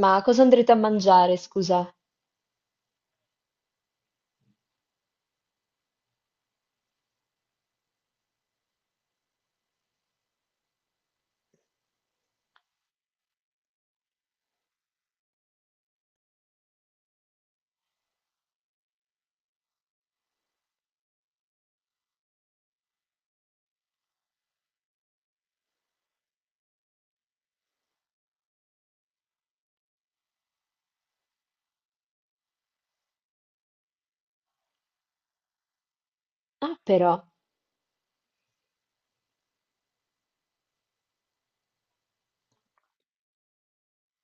Ma cosa andrete a mangiare, scusa? Ah, però.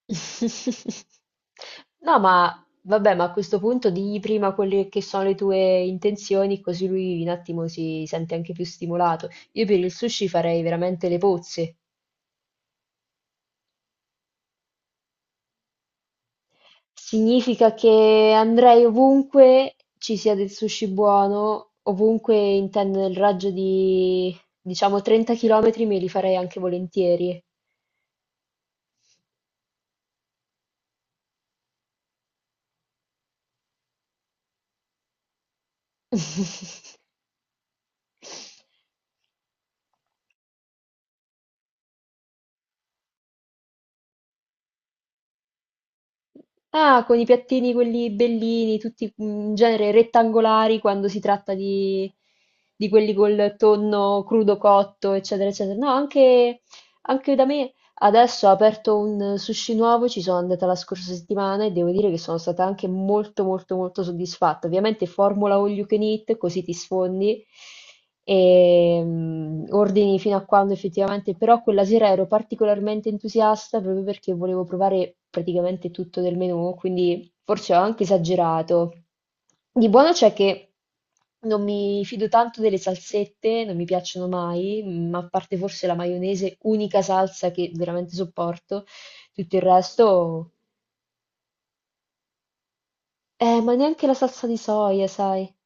No, ma vabbè, ma a questo punto digli prima quelle che sono le tue intenzioni, così lui un attimo si sente anche più stimolato. Io per il sushi farei veramente le pozze. Significa che andrei ovunque ci sia del sushi buono, ovunque intendo nel raggio di, diciamo, 30 km me li farei anche volentieri. Ah, con i piattini quelli bellini, tutti in genere rettangolari quando si tratta di quelli col tonno crudo cotto, eccetera, eccetera. No, anche, anche da me. Adesso ha aperto un sushi nuovo, ci sono andata la scorsa settimana e devo dire che sono stata anche molto soddisfatta. Ovviamente formula all you can eat, così ti sfondi e ordini fino a quando effettivamente, però quella sera ero particolarmente entusiasta proprio perché volevo provare praticamente tutto del menù, quindi forse ho anche esagerato. Di buono c'è che non mi fido tanto delle salsette, non mi piacciono mai, ma a parte forse la maionese, unica salsa che veramente sopporto, tutto il resto... ma neanche la salsa di soia, sai?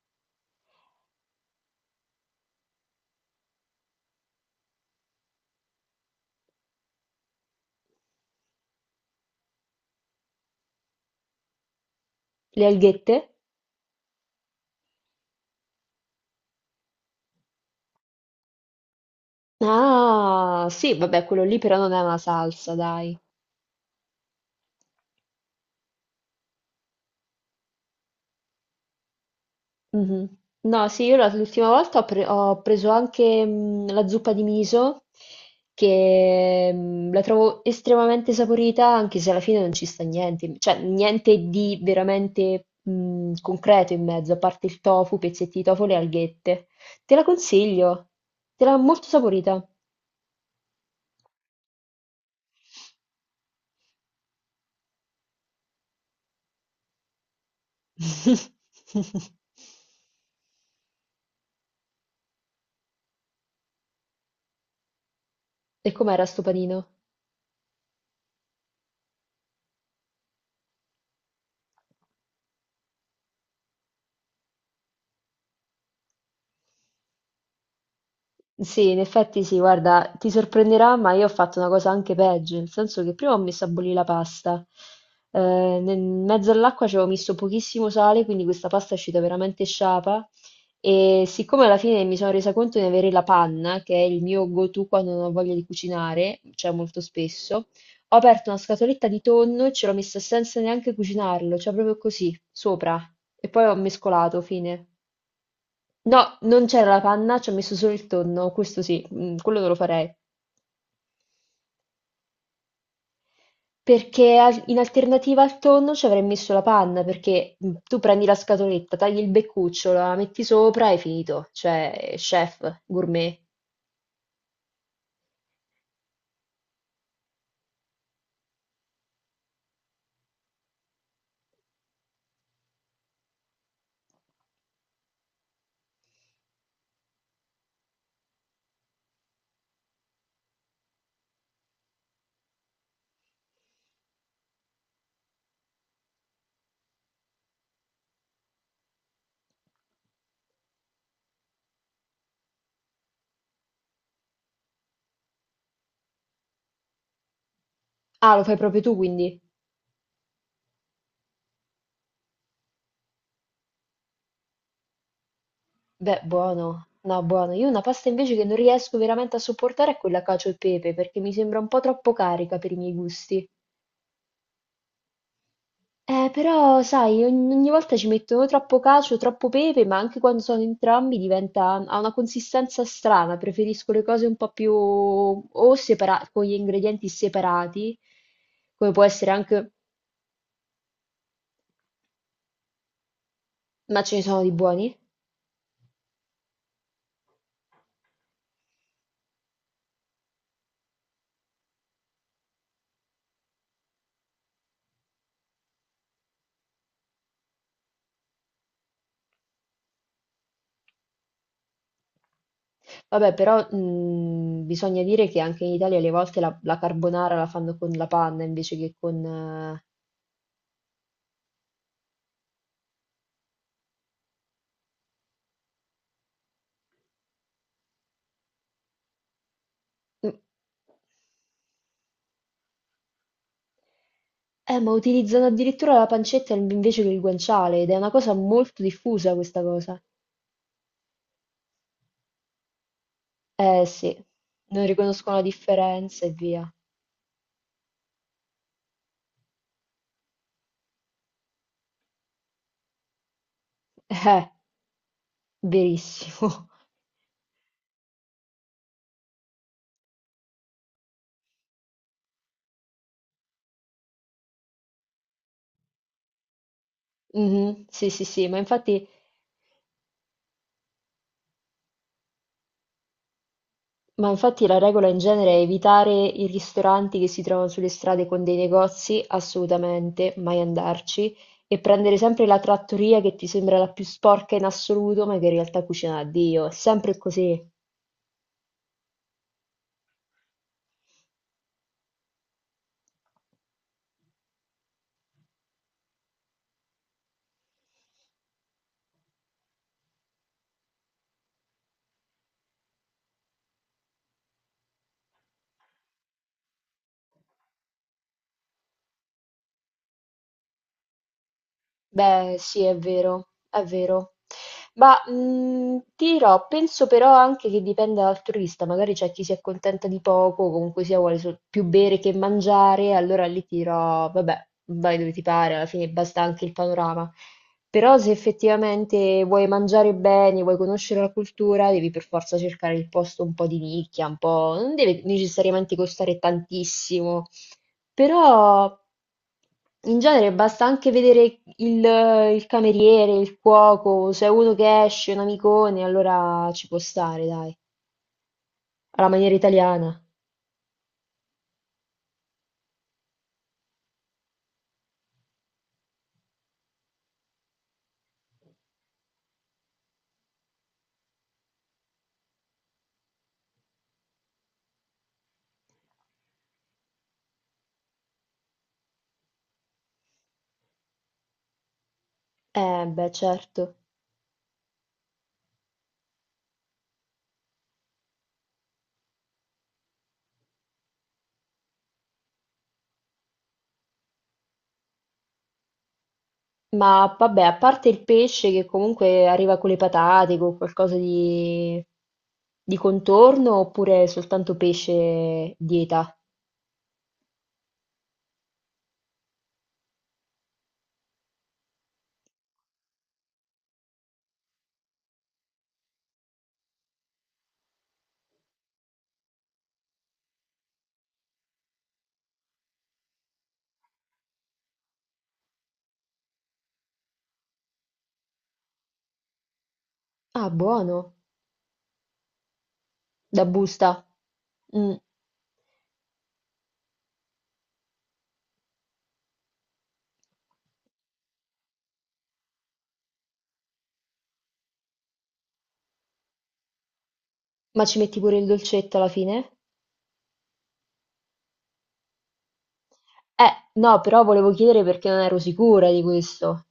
Le alghette? Ah, sì, vabbè, quello lì però non è una salsa, dai. Mhm. No, sì, l'ultima volta ho preso anche la zuppa di miso, che la trovo estremamente saporita, anche se alla fine non ci sta niente, cioè niente di veramente concreto in mezzo, a parte il tofu, pezzetti di tofu e le alghette. Te la consiglio, te la molto saporita. E com'era sto panino? Sì, in effetti sì, guarda, ti sorprenderà, ma io ho fatto una cosa anche peggio, nel senso che prima ho messo a bollire la pasta, eh, nel in mezzo all'acqua ci avevo messo pochissimo sale, quindi questa pasta è uscita veramente sciapa e siccome alla fine mi sono resa conto di avere la panna, che è il mio go-to quando non ho voglia di cucinare, cioè molto spesso, ho aperto una scatoletta di tonno e ce l'ho messa senza neanche cucinarlo, cioè proprio così, sopra, e poi ho mescolato, fine. No, non c'era la panna, c'ho messo solo il tonno, questo sì, quello non lo farei. In alternativa al tonno ci avrei messo la panna, perché tu prendi la scatoletta, tagli il beccuccio, la metti sopra e è finito. Cioè, chef, gourmet. Ah, lo fai proprio tu quindi? Beh, buono. No, buono. Io una pasta invece che non riesco veramente a sopportare è quella cacio e pepe, perché mi sembra un po' troppo carica per i miei gusti. Però, sai, ogni volta ci mettono troppo cacio, troppo pepe, ma anche quando sono entrambi diventa, ha una consistenza strana. Preferisco le cose un po' più o separate, con gli ingredienti separati, come può essere anche, ma ce ne sono di buoni. Vabbè, però bisogna dire che anche in Italia alle volte la carbonara la fanno con la panna invece che con... Eh, ma utilizzano addirittura la pancetta invece che il guanciale ed è una cosa molto diffusa questa cosa. Eh sì, non riconoscono la differenza e via. Eh, verissimo. Mhm. Sì, sì, sì, ma infatti la regola in genere è evitare i ristoranti che si trovano sulle strade con dei negozi, assolutamente, mai andarci, e prendere sempre la trattoria che ti sembra la più sporca in assoluto, ma che in realtà cucina a Dio, è sempre così. Beh, sì, è vero, è vero. Ma, ti dirò, penso però anche che dipenda dal turista, magari c'è chi si accontenta di poco, o comunque sia vuole sol più bere che mangiare, allora lì ti dirò: "Vabbè, vai dove ti pare, alla fine basta anche il panorama". Però se effettivamente vuoi mangiare bene, vuoi conoscere la cultura, devi per forza cercare il posto un po' di nicchia, un po' non deve necessariamente costare tantissimo. Però in genere basta anche vedere il cameriere, il cuoco, se è uno che esce, un amicone, allora ci può stare, dai, alla maniera italiana. Beh, certo. Ma vabbè, a parte il pesce che comunque arriva con le patate, con qualcosa di contorno, oppure soltanto pesce dieta? Ah, buono, da busta. Mm. Ma ci metti pure il dolcetto alla fine? Eh, no, però volevo chiedere perché non ero sicura di questo.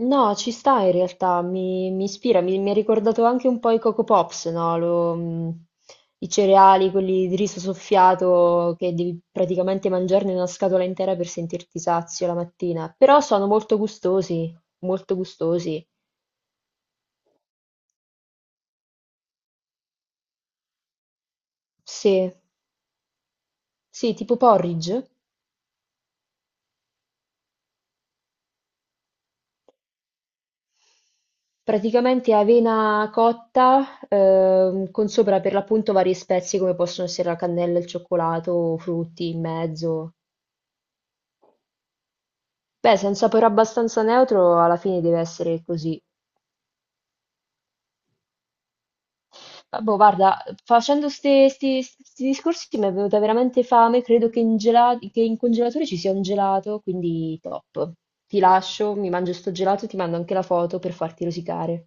No, ci sta in realtà, mi ispira, mi ha ricordato anche un po' i Coco Pops, no? I cereali, quelli di riso soffiato che devi praticamente mangiarne una scatola intera per sentirti sazio la mattina. Però sono molto gustosi, molto gustosi. Sì, sì, tipo porridge? Praticamente avena cotta, con sopra per l'appunto varie spezie come possono essere la cannella, il cioccolato, o frutti in mezzo. Beh, se è un sapore abbastanza neutro, alla fine deve essere così. Ah, boh, guarda, facendo questi discorsi mi è venuta veramente fame. Credo che che in congelatore ci sia un gelato, quindi top. Ti lascio, mi mangio sto gelato e ti mando anche la foto per farti rosicare.